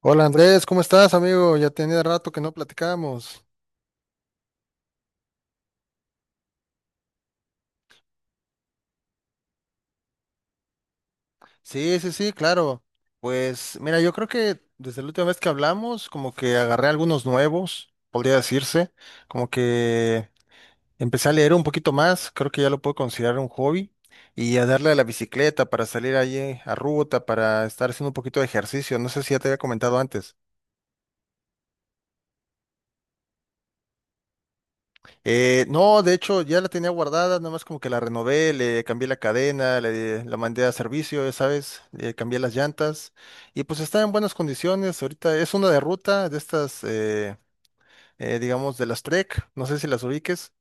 Hola Andrés, ¿cómo estás, amigo? Ya tenía rato que no platicábamos. Sí, sí, sí, claro. Pues mira, yo creo que desde la última vez que hablamos, como que agarré algunos nuevos, podría decirse, como que empecé a leer un poquito más, creo que ya lo puedo considerar un hobby, y a darle a la bicicleta para salir allí a ruta, para estar haciendo un poquito de ejercicio. No sé si ya te había comentado antes. No, de hecho ya la tenía guardada, nada más como que la renové, le cambié la cadena, la mandé a servicio, ya sabes, le cambié las llantas y pues está en buenas condiciones. Ahorita es una de ruta de estas, digamos, de las Trek, no sé si las ubiques.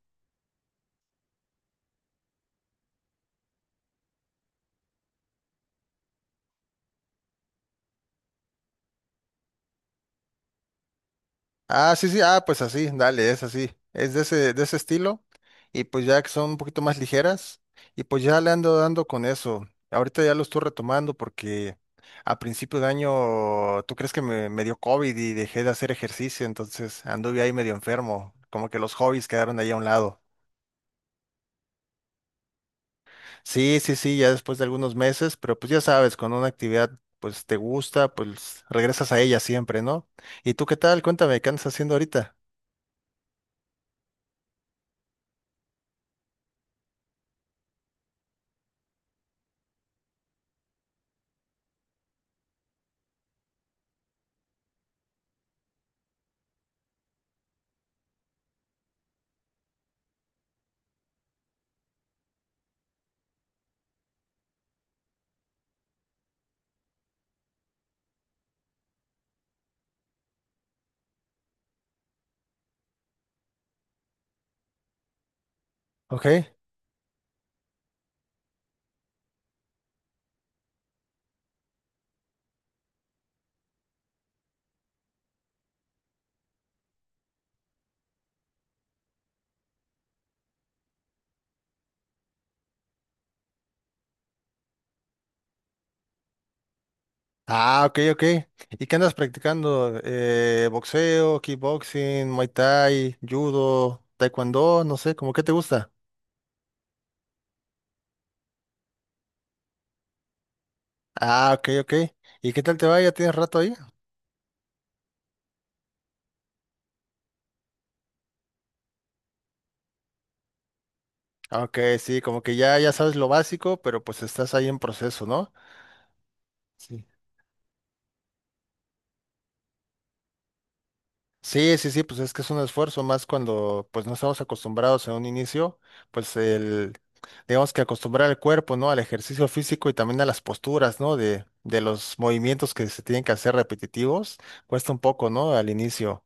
Sí, sí, ah, pues así, dale, es así, es de de ese estilo, y pues ya que son un poquito más ligeras, y pues ya le ando dando con eso. Ahorita ya lo estoy retomando porque a principio de año, ¿tú crees que me dio COVID y dejé de hacer ejercicio? Entonces anduve ahí medio enfermo, como que los hobbies quedaron ahí a un lado. Sí, sí, sí, ya después de algunos meses, pero pues ya sabes, con una actividad pues te gusta, pues regresas a ella siempre, ¿no? ¿Y tú qué tal? Cuéntame, ¿qué andas haciendo ahorita? Ok. Ah, ok, ok. ¿Y qué andas practicando? Boxeo, kickboxing, muay thai, judo, taekwondo, no sé, ¿cómo qué te gusta? Ah, ok, ok. ¿Y qué tal te va? ¿Ya tienes rato ahí? Ah, ok, sí, como que ya, ya sabes lo básico, pero pues estás ahí en proceso, ¿no? Sí. Sí, sí, sí, pues es que es un esfuerzo más cuando pues no estamos acostumbrados en un inicio, pues el, tenemos que acostumbrar el cuerpo, ¿no? Al ejercicio físico y también a las posturas, ¿no? De los movimientos que se tienen que hacer repetitivos. Cuesta un poco, ¿no? Al inicio.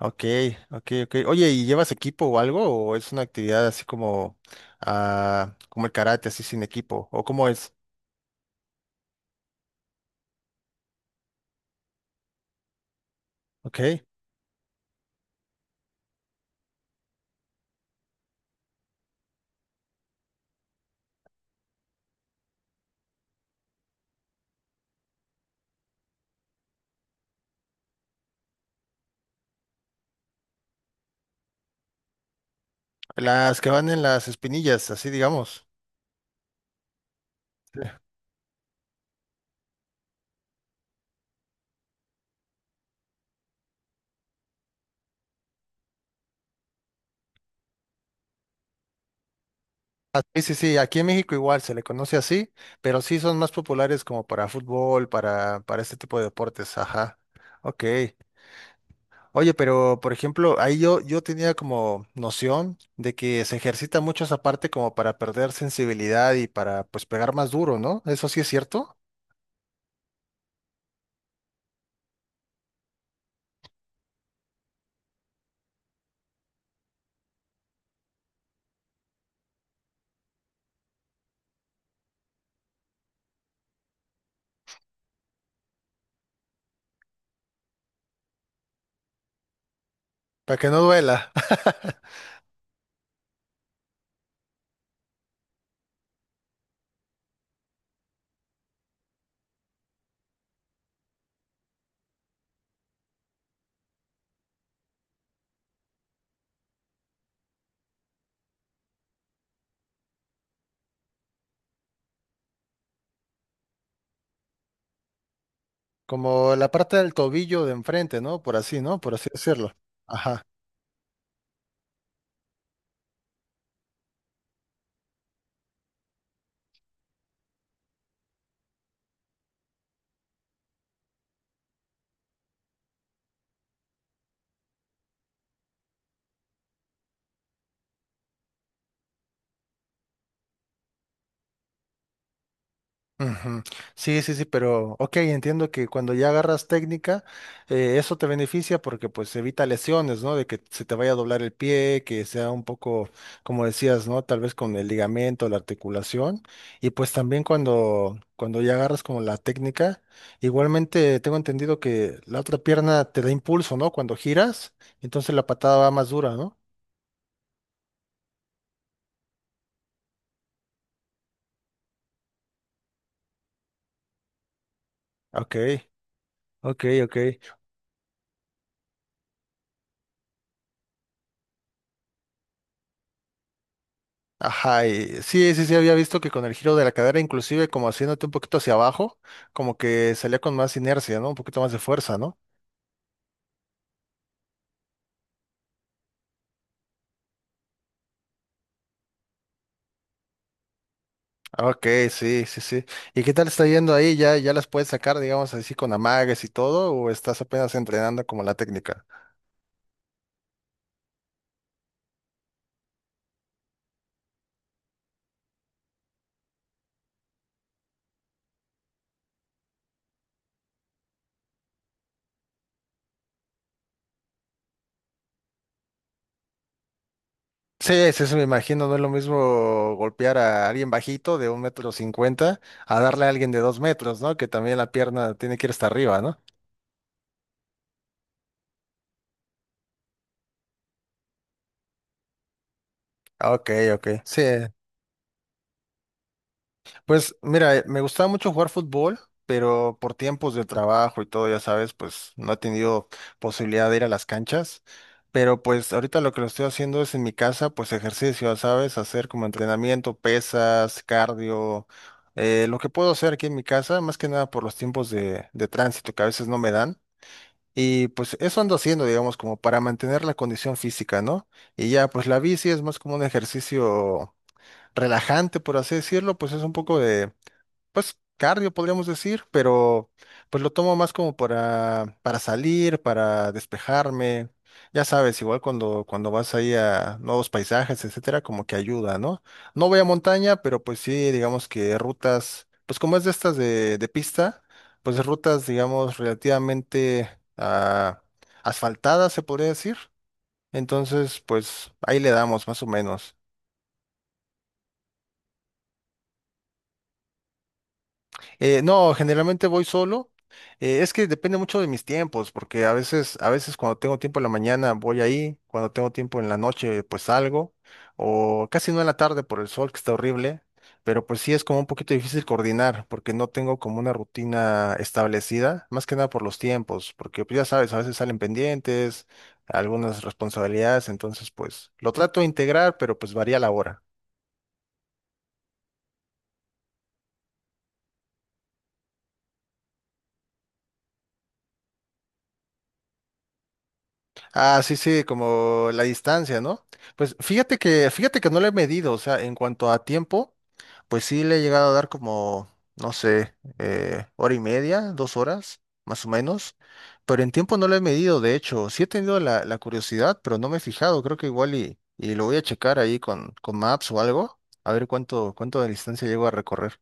Ok, ok, ok. Oye, ¿y llevas equipo o algo? ¿O es una actividad así como, ah, como el karate, así sin equipo? ¿O cómo es? Ok. Las que van en las espinillas, así digamos. Sí. Ah, sí, sí, sí, aquí en México igual se le conoce así, pero sí son más populares como para fútbol, para este tipo de deportes, ajá. Ok. Oye, pero por ejemplo, ahí yo tenía como noción de que se ejercita mucho esa parte como para perder sensibilidad y para pues pegar más duro, ¿no? Eso sí es cierto, para que no duela. Como la parte del tobillo de enfrente, ¿no? Por así, ¿no? Por así decirlo. Ajá. Ujú. Sí, sí, sí, pero ok, entiendo que cuando ya agarras técnica, eso te beneficia porque pues evita lesiones, ¿no? De que se te vaya a doblar el pie, que sea un poco, como decías, ¿no? Tal vez con el ligamento, la articulación. Y pues también cuando ya agarras como la técnica, igualmente tengo entendido que la otra pierna te da impulso, ¿no? Cuando giras, entonces la patada va más dura, ¿no? Ok, ok, ok. Ajá, y sí, sí, sí, había visto que con el giro de la cadera, inclusive como haciéndote un poquito hacia abajo, como que salía con más inercia, ¿no? Un poquito más de fuerza, ¿no? Ah, ok, sí, sí, sí. ¿Y qué tal está yendo ahí? ¿Ya, ya las puedes sacar, digamos así, con amagues y todo? ¿O estás apenas entrenando como la técnica? Sí, sí, sí, me imagino, no es lo mismo golpear a alguien bajito de 1,50 m a darle a alguien de 2 m, ¿no? Que también la pierna tiene que ir hasta arriba, ¿no? Ah, ok, ok. Sí, pues mira, me gustaba mucho jugar fútbol, pero por tiempos de trabajo y todo, ya sabes, pues no he tenido posibilidad de ir a las canchas. Pero pues ahorita lo que lo estoy haciendo es en mi casa, pues ejercicio, ya sabes, hacer como entrenamiento, pesas, cardio, lo que puedo hacer aquí en mi casa, más que nada por los tiempos de tránsito que a veces no me dan. Y pues eso ando haciendo, digamos, como para mantener la condición física, ¿no? Y ya, pues la bici es más como un ejercicio relajante, por así decirlo, pues es un poco de pues cardio podríamos decir, pero pues lo tomo más como para salir, para despejarme. Ya sabes, igual cuando vas ahí a nuevos paisajes, etcétera, como que ayuda, ¿no? No voy a montaña, pero pues sí, digamos que rutas, pues como es de estas de pista, pues rutas, digamos, relativamente ah, asfaltadas, se podría decir. Entonces, pues ahí le damos más o menos. No, generalmente voy solo. Es que depende mucho de mis tiempos, porque a veces cuando tengo tiempo en la mañana voy ahí, cuando tengo tiempo en la noche pues salgo, o casi no en la tarde por el sol que está horrible, pero pues sí es como un poquito difícil coordinar, porque no tengo como una rutina establecida, más que nada por los tiempos, porque pues ya sabes, a veces salen pendientes, algunas responsabilidades, entonces pues lo trato de integrar, pero pues varía la hora. Ah, sí, sí, como la distancia, ¿no? Pues fíjate que no le he medido, o sea, en cuanto a tiempo, pues sí le he llegado a dar como, no sé, 1,5 horas, 2 horas, más o menos, pero en tiempo no lo he medido, de hecho, sí he tenido la curiosidad, pero no me he fijado, creo que igual y lo voy a checar ahí con Maps o algo, a ver cuánto de distancia llego a recorrer.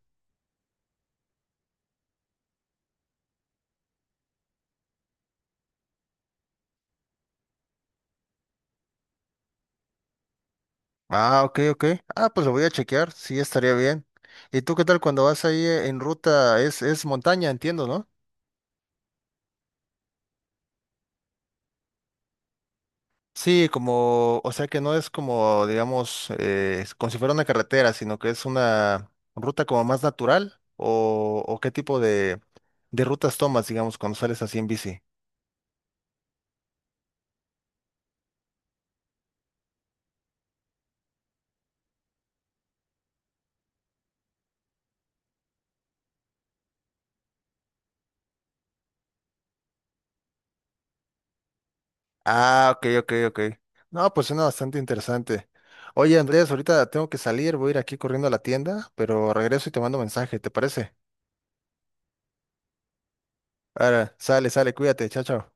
Ah, ok, ok. Ah, pues lo voy a chequear, sí estaría bien. ¿Y tú qué tal cuando vas ahí en ruta? Es montaña, entiendo, ¿no? Sí, como, o sea que no es como, digamos, es como si fuera una carretera, sino que es una ruta como más natural o qué tipo de rutas tomas, digamos, cuando sales así en bici. Ah, ok, ok, ok. No, pues suena bastante interesante. Oye, Andrés, ahorita tengo que salir, voy a ir aquí corriendo a la tienda, pero regreso y te mando mensaje, ¿te parece? Ahora, sale, sale, cuídate, chao, chao.